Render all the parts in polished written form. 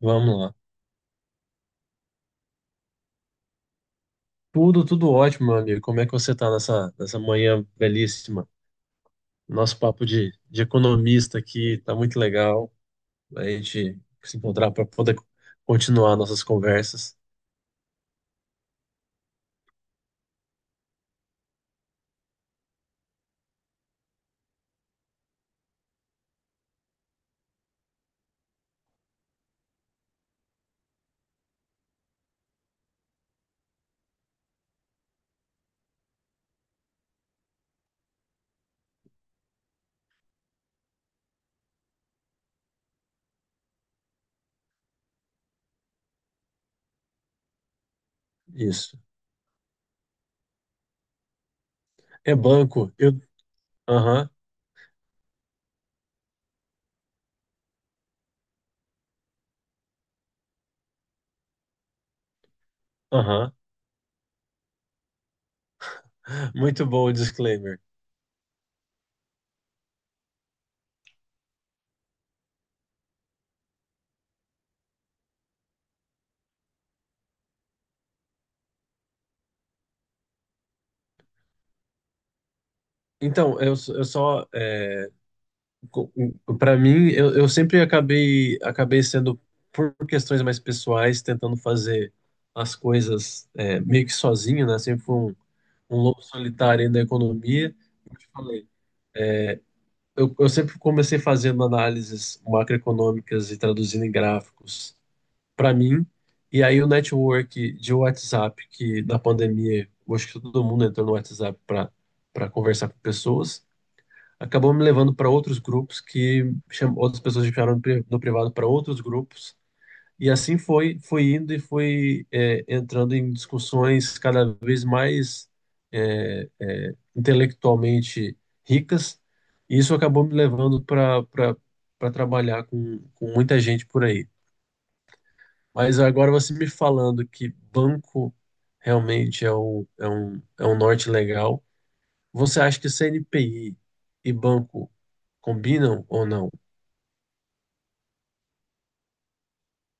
Vamos lá. Tudo ótimo, meu amigo. Como é que você tá nessa manhã belíssima? Nosso papo de economista aqui tá muito legal. A gente se encontrar para poder continuar nossas conversas. Isso. É banco. Aham, aham. Muito bom o disclaimer. Então, eu só, para mim, eu sempre acabei sendo, por questões mais pessoais, tentando fazer as coisas meio que sozinho, né? Sempre fui um lobo solitário aí da economia. Como eu te falei, eu sempre comecei fazendo análises macroeconômicas e traduzindo em gráficos para mim. E aí o network de WhatsApp, que na pandemia, eu acho que todo mundo entrou no WhatsApp para conversar com pessoas, acabou me levando para outros grupos que outras pessoas me chamaram no privado para outros grupos, e assim foi indo e foi entrando em discussões cada vez mais intelectualmente ricas, e isso acabou me levando para trabalhar com muita gente por aí. Mas agora, você me falando que banco realmente é um norte legal. Você acha que CNPI e banco combinam ou não?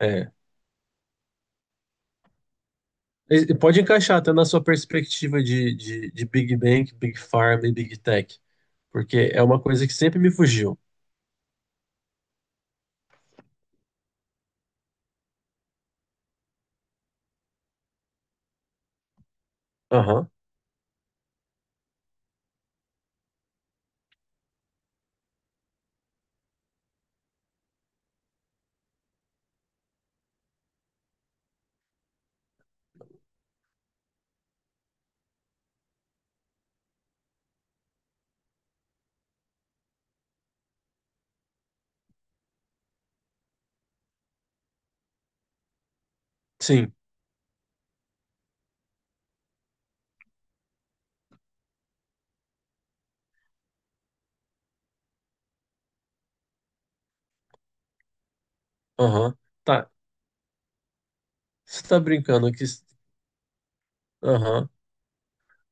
É. E pode encaixar até na sua perspectiva de Big Bank, Big Pharma e Big Tech, porque é uma coisa que sempre me fugiu. Aham, sim, aham. Tá, você tá brincando aqui. Aham.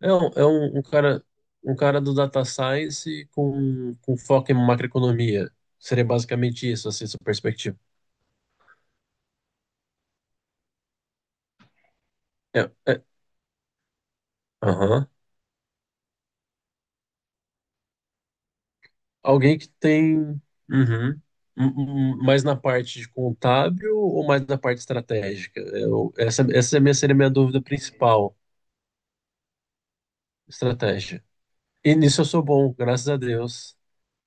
É, um, é um, um cara um cara do data science com foco em macroeconomia. Seria basicamente isso, assim, sua perspectiva. É, é, aham. Alguém que tem. Uhum. Mais na parte de contábil ou mais na parte estratégica? Essa seria a minha dúvida principal: estratégia. E nisso eu sou bom, graças a Deus.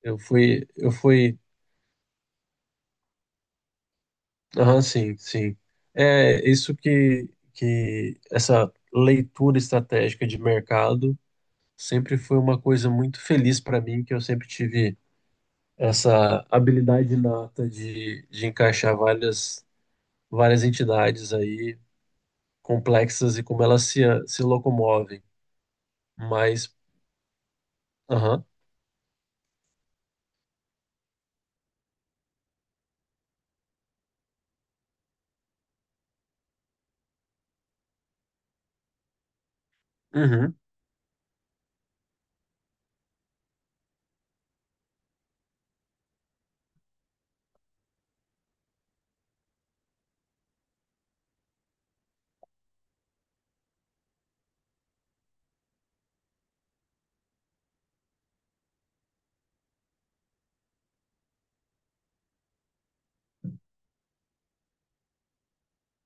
Eu fui, eu fui, aham, sim, sim. É isso que essa leitura estratégica de mercado sempre foi uma coisa muito feliz para mim, que eu sempre tive essa habilidade inata de encaixar várias entidades aí complexas e como elas se locomovem. Mas, aham, uhum,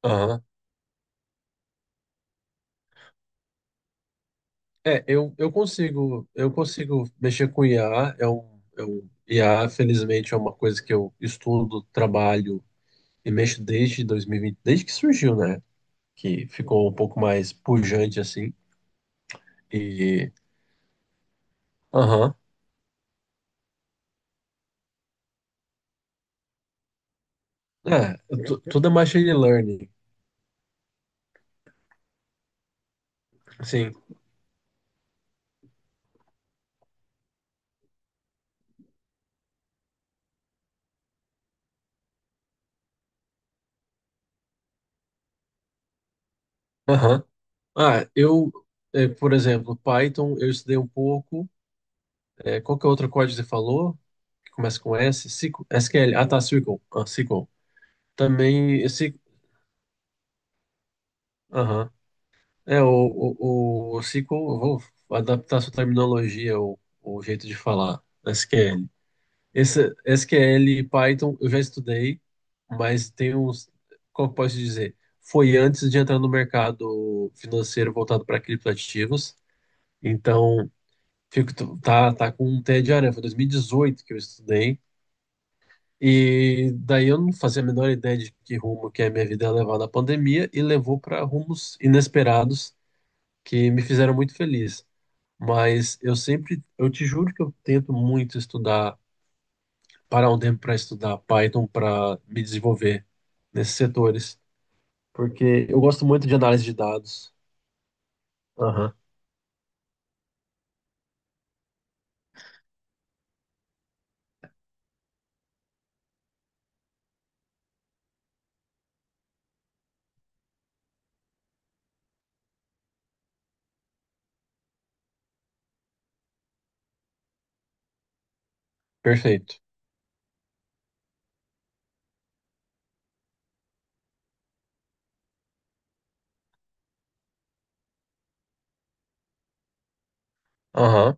aham. Eu consigo mexer com IA, IA, felizmente, é uma coisa que eu estudo, trabalho e mexo desde 2020, desde que surgiu, né? Que ficou um pouco mais pujante assim. E, aham. é, Tudo é machine learning, sim. Aham. Ah, por exemplo, Python eu estudei um pouco. Qual que é outro código que você falou? Que começa com S? SQL? SQL. Ah, tá, SQL. Ah, SQL. Também esse. Aham. O SQL, eu vou adaptar a sua terminologia, o jeito de falar. SQL. Esse, SQL e Python eu já estudei, mas tem uns. Como eu posso dizer? Foi antes de entrar no mercado financeiro voltado para criptoativos. Então, fico, tá com um pé de aranha. Foi 2018 que eu estudei. E daí eu não fazia a menor ideia de que rumo que a minha vida ia levar na pandemia, e levou para rumos inesperados que me fizeram muito feliz. Mas eu sempre, eu te juro que eu tento muito estudar, parar um tempo para estudar Python para me desenvolver nesses setores, porque eu gosto muito de análise de dados. Aham, perfeito. Aham,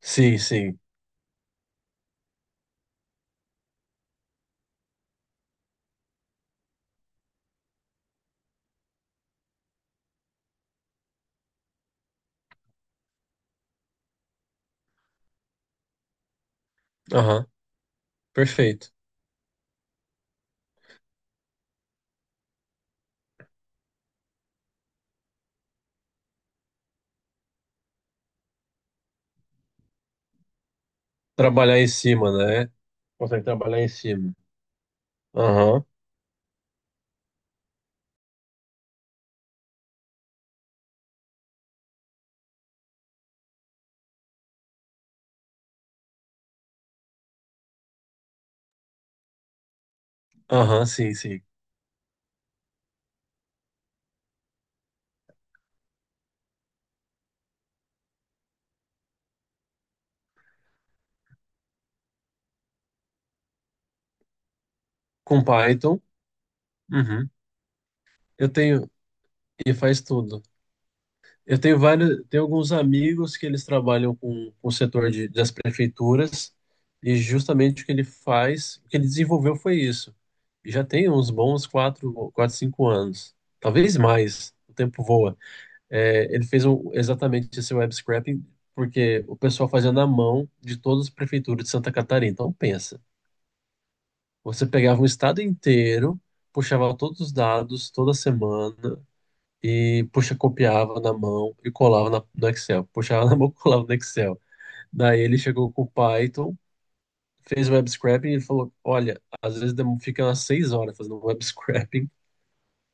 sim, sim. Aham, perfeito. Trabalhar em cima, né? Consegue trabalhar em cima. Aham, aham, sim, sim. Com Python. Uhum. Eu tenho, e faz tudo. Eu tenho vários, tenho alguns amigos que eles trabalham com o setor das prefeituras, e justamente o que ele faz, o que ele desenvolveu foi isso. E já tem uns bons quatro, cinco anos, talvez mais. O tempo voa. Exatamente esse web scraping, porque o pessoal fazia na mão de todas as prefeituras de Santa Catarina. Então pensa, você pegava um estado inteiro, puxava todos os dados toda semana e, puxa, copiava na mão e colava no Excel. Puxava na mão, e colava no Excel. Daí ele chegou com o Python, fez web scraping e falou: Olha, às vezes fica umas 6 horas fazendo web scraping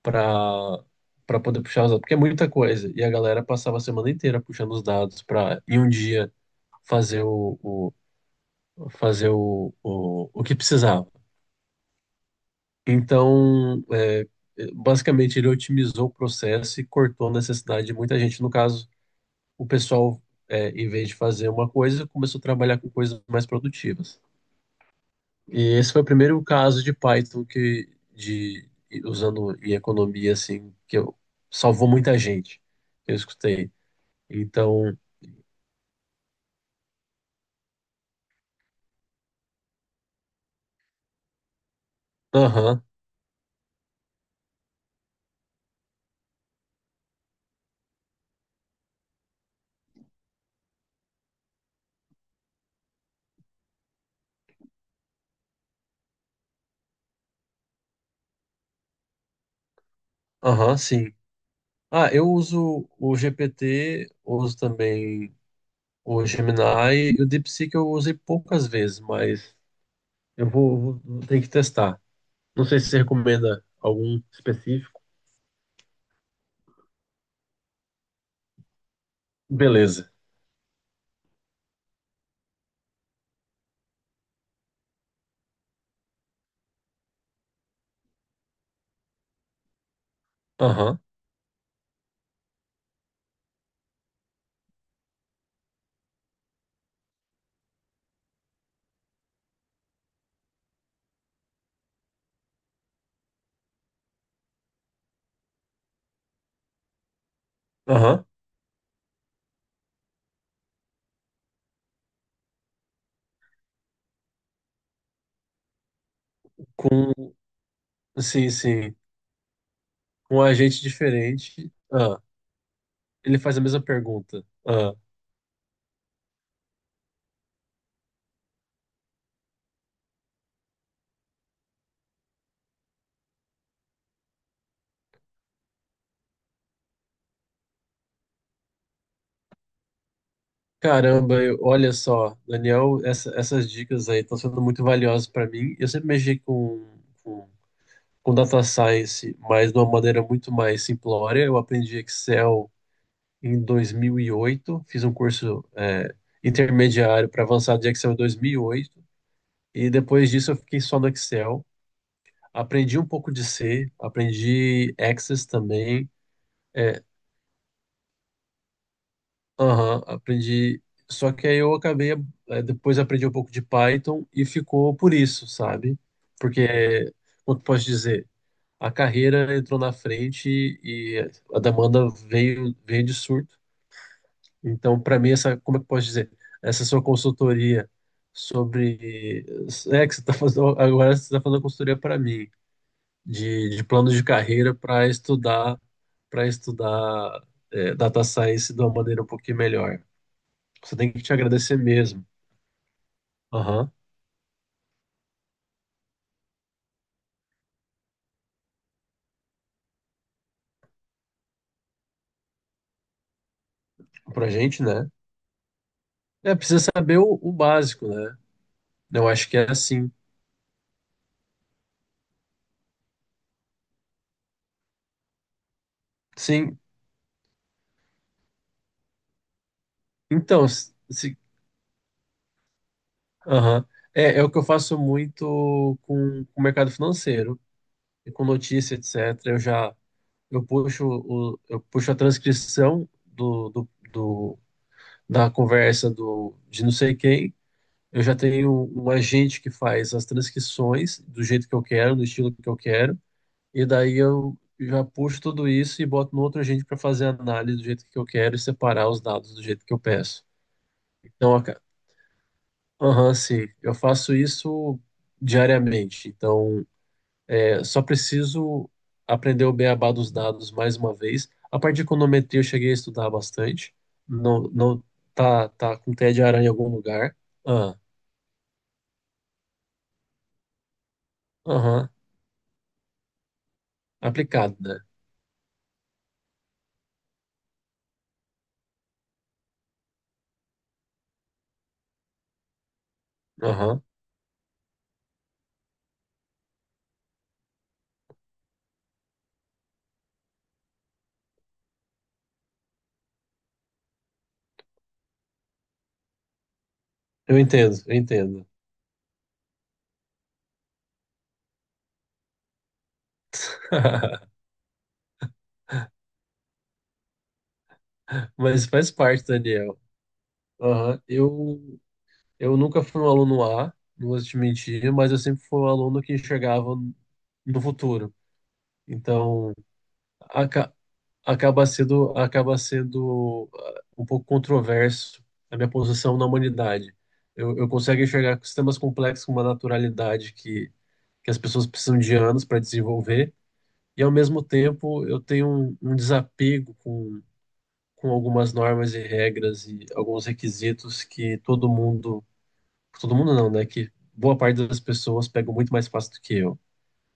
para para poder puxar os dados, porque é muita coisa. E a galera passava a semana inteira puxando os dados para, em um dia, fazer o, o- fazer o que precisava. Então, basicamente, ele otimizou o processo e cortou a necessidade de muita gente. No caso, o pessoal, em vez de fazer uma coisa, começou a trabalhar com coisas mais produtivas. E esse foi o primeiro caso de Python que, de, usando em economia, assim, que eu, salvou muita gente, que eu escutei. Então, aham, aham, sim. Ah, eu uso o GPT, uso também o Gemini, e o DeepSeek eu usei poucas vezes, mas eu vou ter que testar. Não sei se você recomenda algum específico. Beleza. Aham, aham. com, sim, sim, com um agente diferente. Ah, ele faz a mesma pergunta. Ah, caramba, olha só, Daniel, essas dicas aí estão sendo muito valiosas para mim. Eu sempre mexi com, com data science, mas de uma maneira muito mais simplória. Eu aprendi Excel em 2008, fiz um curso intermediário para avançado de Excel em 2008, e depois disso eu fiquei só no Excel. Aprendi um pouco de C, aprendi Access também. eh, Aham, aprendi. Só que aí eu acabei, depois aprendi um pouco de Python e ficou por isso, sabe? Porque, como que eu posso dizer? A carreira entrou na frente e a demanda veio de surto. Então, para mim, essa, como é que eu posso dizer? Essa sua consultoria sobre. É que você está fazendo, agora você está fazendo consultoria para mim, de planos de carreira para estudar, data science de uma maneira um pouquinho melhor. Você tem que te agradecer mesmo. Aham. Pra gente, né? Precisa saber o básico, né? Eu acho que é assim. Sim. Então, aham. É o que eu faço muito com o mercado financeiro, e com notícia, etc. Eu já eu puxo, o, eu puxo a transcrição da conversa de não sei quem. Eu já tenho um agente que faz as transcrições do jeito que eu quero, do estilo que eu quero. E daí eu já puxo tudo isso e boto no outro agente para fazer a análise do jeito que eu quero, e separar os dados do jeito que eu peço. Então, aham, sim, eu faço isso diariamente. Então, só preciso aprender o beabá dos dados mais uma vez. A parte de econometria eu cheguei a estudar bastante. Não, não tá com teia de aranha em algum lugar. Ah, aham, aplicado, né? Aham, eu entendo, eu entendo. Mas faz parte, Daniel. Aham. Eu nunca fui um aluno A, não vou te mentir, mas eu sempre fui um aluno que enxergava no futuro. Então, aca- acaba sendo um pouco controverso a minha posição na humanidade. Eu consigo enxergar sistemas complexos com uma naturalidade que as pessoas precisam de anos para desenvolver, e ao mesmo tempo eu tenho um desapego com algumas normas e regras e alguns requisitos. Que todo mundo Todo mundo não, né? Que boa parte das pessoas pegam muito mais fácil do que eu.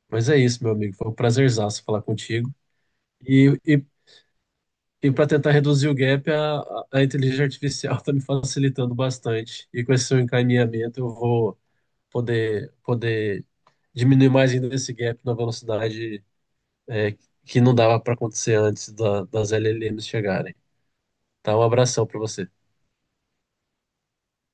Mas é isso, meu amigo. Foi um prazerzaço falar contigo. E, e, e para tentar reduzir o gap, a inteligência artificial está me facilitando bastante. E com esse seu encaminhamento, eu vou poder diminuir mais ainda esse gap na velocidade, é, que não dava para acontecer antes das LLMs chegarem. Tá, um abração para você.